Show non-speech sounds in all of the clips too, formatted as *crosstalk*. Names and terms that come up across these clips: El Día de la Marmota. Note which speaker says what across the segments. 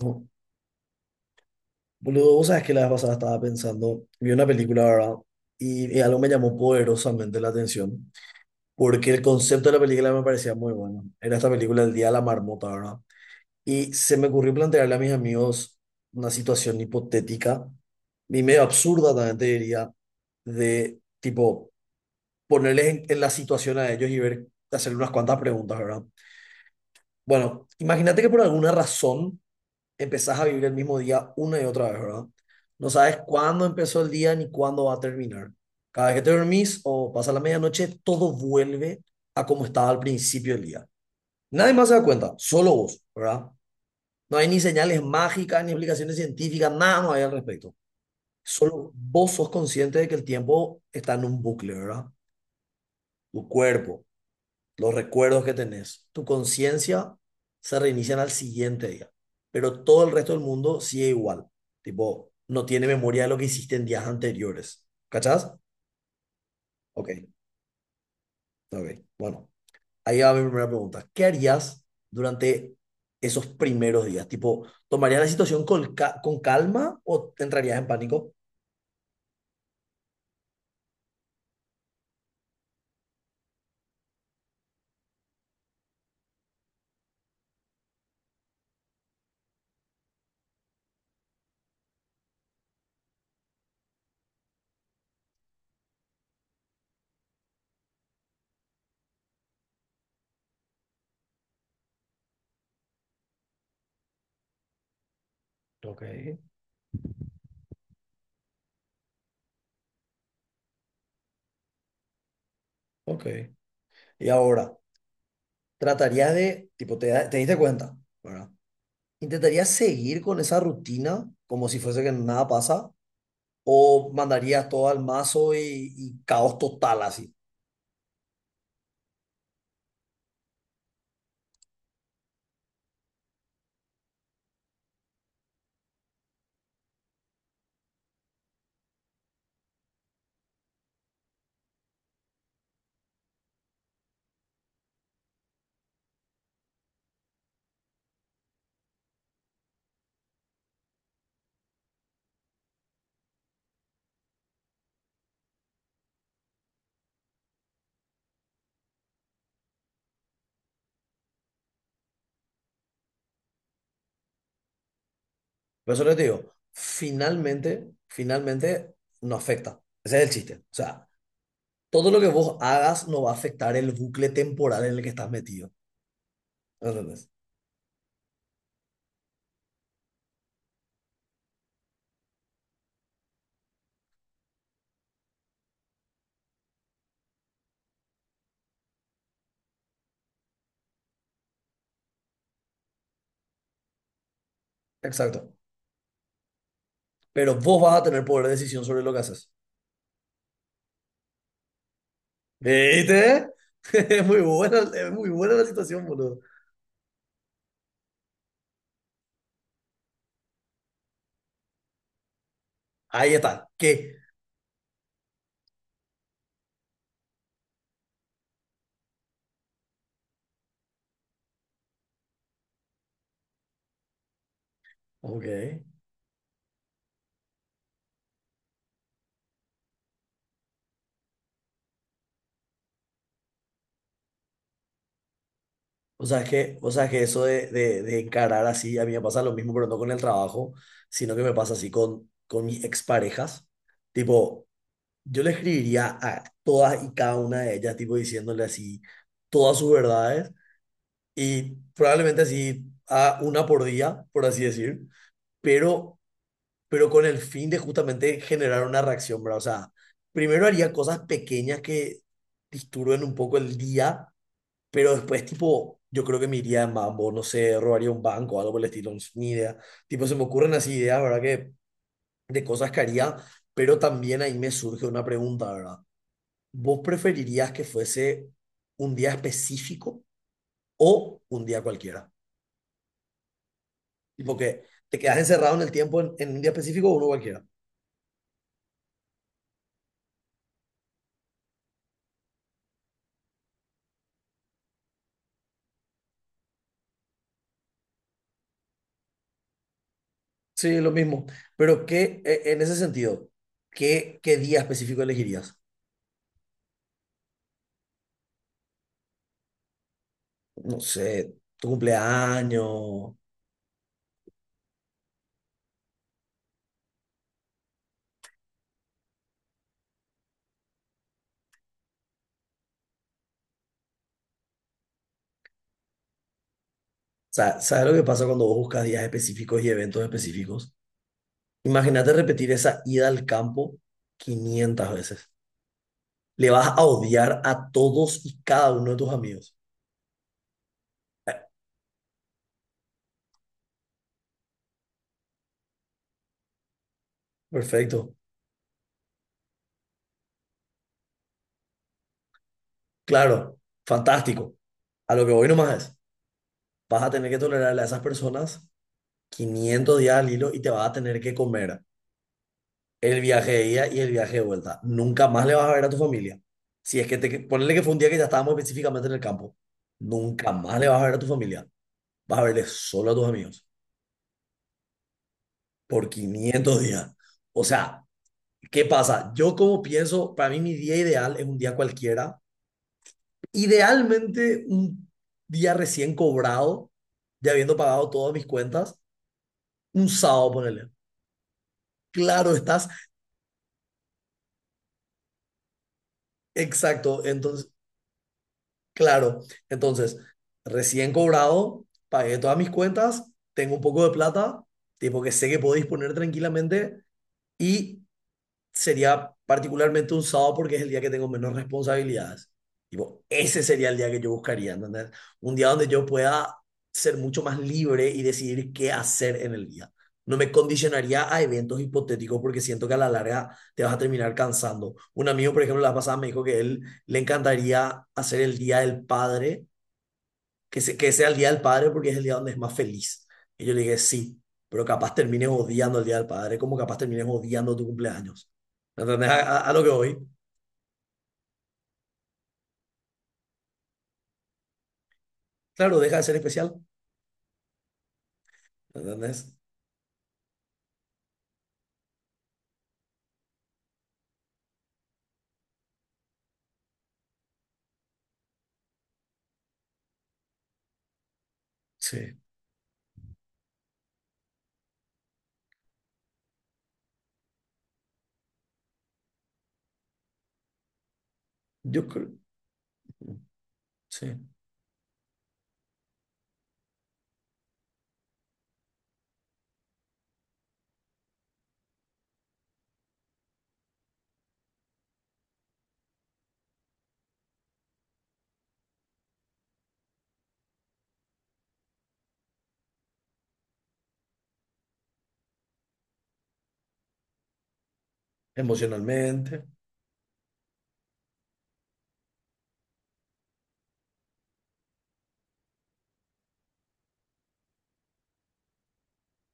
Speaker 1: No, Boludo, vos sabés que la vez pasada estaba pensando, vi una película, ¿verdad? Y algo me llamó poderosamente la atención, porque el concepto de la película me parecía muy bueno. Era esta película El Día de la Marmota, ¿verdad? Y se me ocurrió plantearle a mis amigos una situación hipotética y medio absurda también te diría, de tipo ponerles en la situación a ellos y ver, hacerle unas cuantas preguntas, ¿verdad? Bueno, imagínate que por alguna razón empezás a vivir el mismo día una y otra vez, ¿verdad? No sabes cuándo empezó el día ni cuándo va a terminar. Cada vez que te dormís o pasa la medianoche, todo vuelve a como estaba al principio del día. Nadie más se da cuenta, solo vos, ¿verdad? No hay ni señales mágicas, ni explicaciones científicas, nada no hay al respecto. Solo vos sos consciente de que el tiempo está en un bucle, ¿verdad? Tu cuerpo, los recuerdos que tenés, tu conciencia se reinician al siguiente día, pero todo el resto del mundo sigue igual. Tipo, no tiene memoria de lo que hiciste en días anteriores. ¿Cachás? Ok, ok. Bueno, ahí va mi primera pregunta. ¿Qué harías durante esos primeros días? Tipo, ¿tomarías la situación con calma o te entrarías en pánico? Ok, ok. Y ahora, tratarías de, tipo, te diste cuenta, ¿verdad? ¿Intentarías seguir con esa rutina como si fuese que nada pasa? ¿O mandarías todo al mazo y caos total así? Por eso les digo, finalmente, finalmente no afecta. Ese es el chiste. O sea, todo lo que vos hagas no va a afectar el bucle temporal en el que estás metido. ¿Entendés? Exacto. Pero vos vas a tener poder de decisión sobre lo que haces. ¿Viste? *laughs* Es muy buena la situación, boludo. Ahí está. ¿Qué? Ok. O sea, es que, o sea, es que eso de encarar así, a mí me pasa lo mismo, pero no con el trabajo, sino que me pasa así con mis exparejas. Tipo, yo le escribiría a todas y cada una de ellas, tipo, diciéndole así todas sus verdades y probablemente así a una por día, por así decir, pero, pero con el fin de justamente generar una reacción, ¿verdad? O sea, primero haría cosas pequeñas que disturben un poco el día pero después, tipo, yo creo que me iría en mambo, no sé, robaría un banco o algo por el estilo, no sé, ni idea. Tipo, se me ocurren así ideas, ¿verdad? Que de cosas que haría, pero también ahí me surge una pregunta, ¿verdad? ¿Vos preferirías que fuese un día específico o un día cualquiera? Tipo que te quedas encerrado en el tiempo en un día específico o uno cualquiera. Sí, lo mismo. Pero ¿qué, en ese sentido, qué día específico elegirías? No sé, tu cumpleaños. Sa- ¿Sabes lo que pasa cuando vos buscas días específicos y eventos específicos? Imagínate repetir esa ida al campo 500 veces. Le vas a odiar a todos y cada uno de tus amigos. Perfecto. Claro. Fantástico. A lo que voy nomás es, vas a tener que tolerarle a esas personas 500 días al hilo y te vas a tener que comer el viaje de ida y el viaje de vuelta. Nunca más le vas a ver a tu familia. Si es que te, ponerle que fue un día que ya estábamos específicamente en el campo. Nunca más le vas a ver a tu familia. Vas a verle solo a tus amigos por 500 días. O sea, ¿qué pasa? Yo como pienso, para mí mi día ideal es un día cualquiera. Idealmente un día recién cobrado, ya habiendo pagado todas mis cuentas, un sábado, ponele. Claro, estás exacto. Entonces, claro, entonces, recién cobrado, pagué todas mis cuentas, tengo un poco de plata, tipo que sé que puedo disponer tranquilamente y sería particularmente un sábado porque es el día que tengo menos responsabilidades. Tipo, ese sería el día que yo buscaría, ¿entendés? Un día donde yo pueda ser mucho más libre y decidir qué hacer en el día. No me condicionaría a eventos hipotéticos porque siento que a la larga te vas a terminar cansando. Un amigo, por ejemplo, la pasada me dijo que él le encantaría hacer el Día del Padre que sea el Día del Padre porque es el día donde es más feliz. Y yo le dije, sí, pero capaz termines odiando el Día del Padre, como capaz termines odiando tu cumpleaños. ¿Entendés? A lo que voy. Claro, deja de ser especial. ¿Entendés? Sí, yo creo, sí, emocionalmente,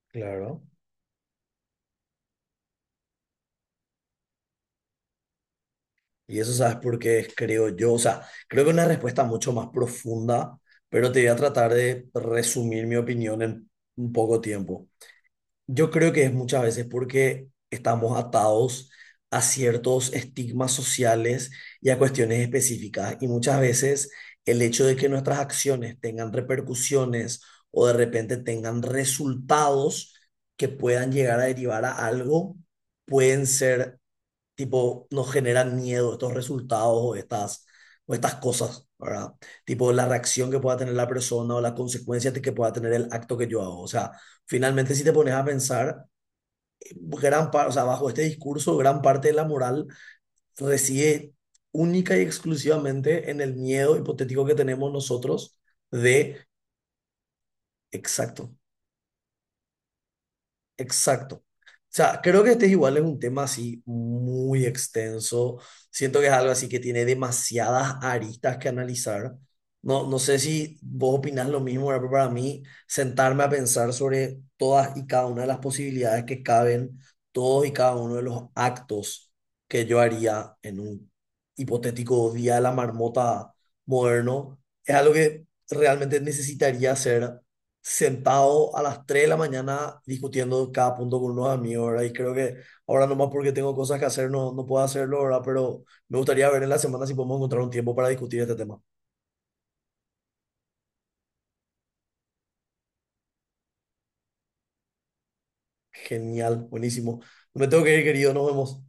Speaker 1: claro. Y eso sabes por qué creo yo, o sea, creo que es una respuesta mucho más profunda, pero te voy a tratar de resumir mi opinión en un poco tiempo. Yo creo que es muchas veces porque estamos atados a ciertos estigmas sociales y a cuestiones específicas. Y muchas veces el hecho de que nuestras acciones tengan repercusiones o de repente tengan resultados que puedan llegar a derivar a algo, pueden ser tipo, nos generan miedo estos resultados o estas cosas, ¿verdad? Tipo, la reacción que pueda tener la persona o las consecuencias que pueda tener el acto que yo hago. O sea, finalmente si te pones a pensar, gran parte, o sea, bajo este discurso, gran parte de la moral reside única y exclusivamente en el miedo hipotético que tenemos nosotros de, exacto, Exacto. O sea, creo que este es igual es un tema así muy extenso. Siento que es algo así que tiene demasiadas aristas que analizar. No, no sé si vos opinás lo mismo, ¿verdad? Pero para mí sentarme a pensar sobre todas y cada una de las posibilidades que caben, todos y cada uno de los actos que yo haría en un hipotético día de la marmota moderno, es algo que realmente necesitaría hacer sentado a las 3 de la mañana discutiendo cada punto con unos amigos, ¿verdad? Y creo que ahora nomás porque tengo cosas que hacer no, no puedo hacerlo, ¿verdad? Pero me gustaría ver en la semana si podemos encontrar un tiempo para discutir este tema. Genial, buenísimo. No Me tengo que ir, querido, nos vemos.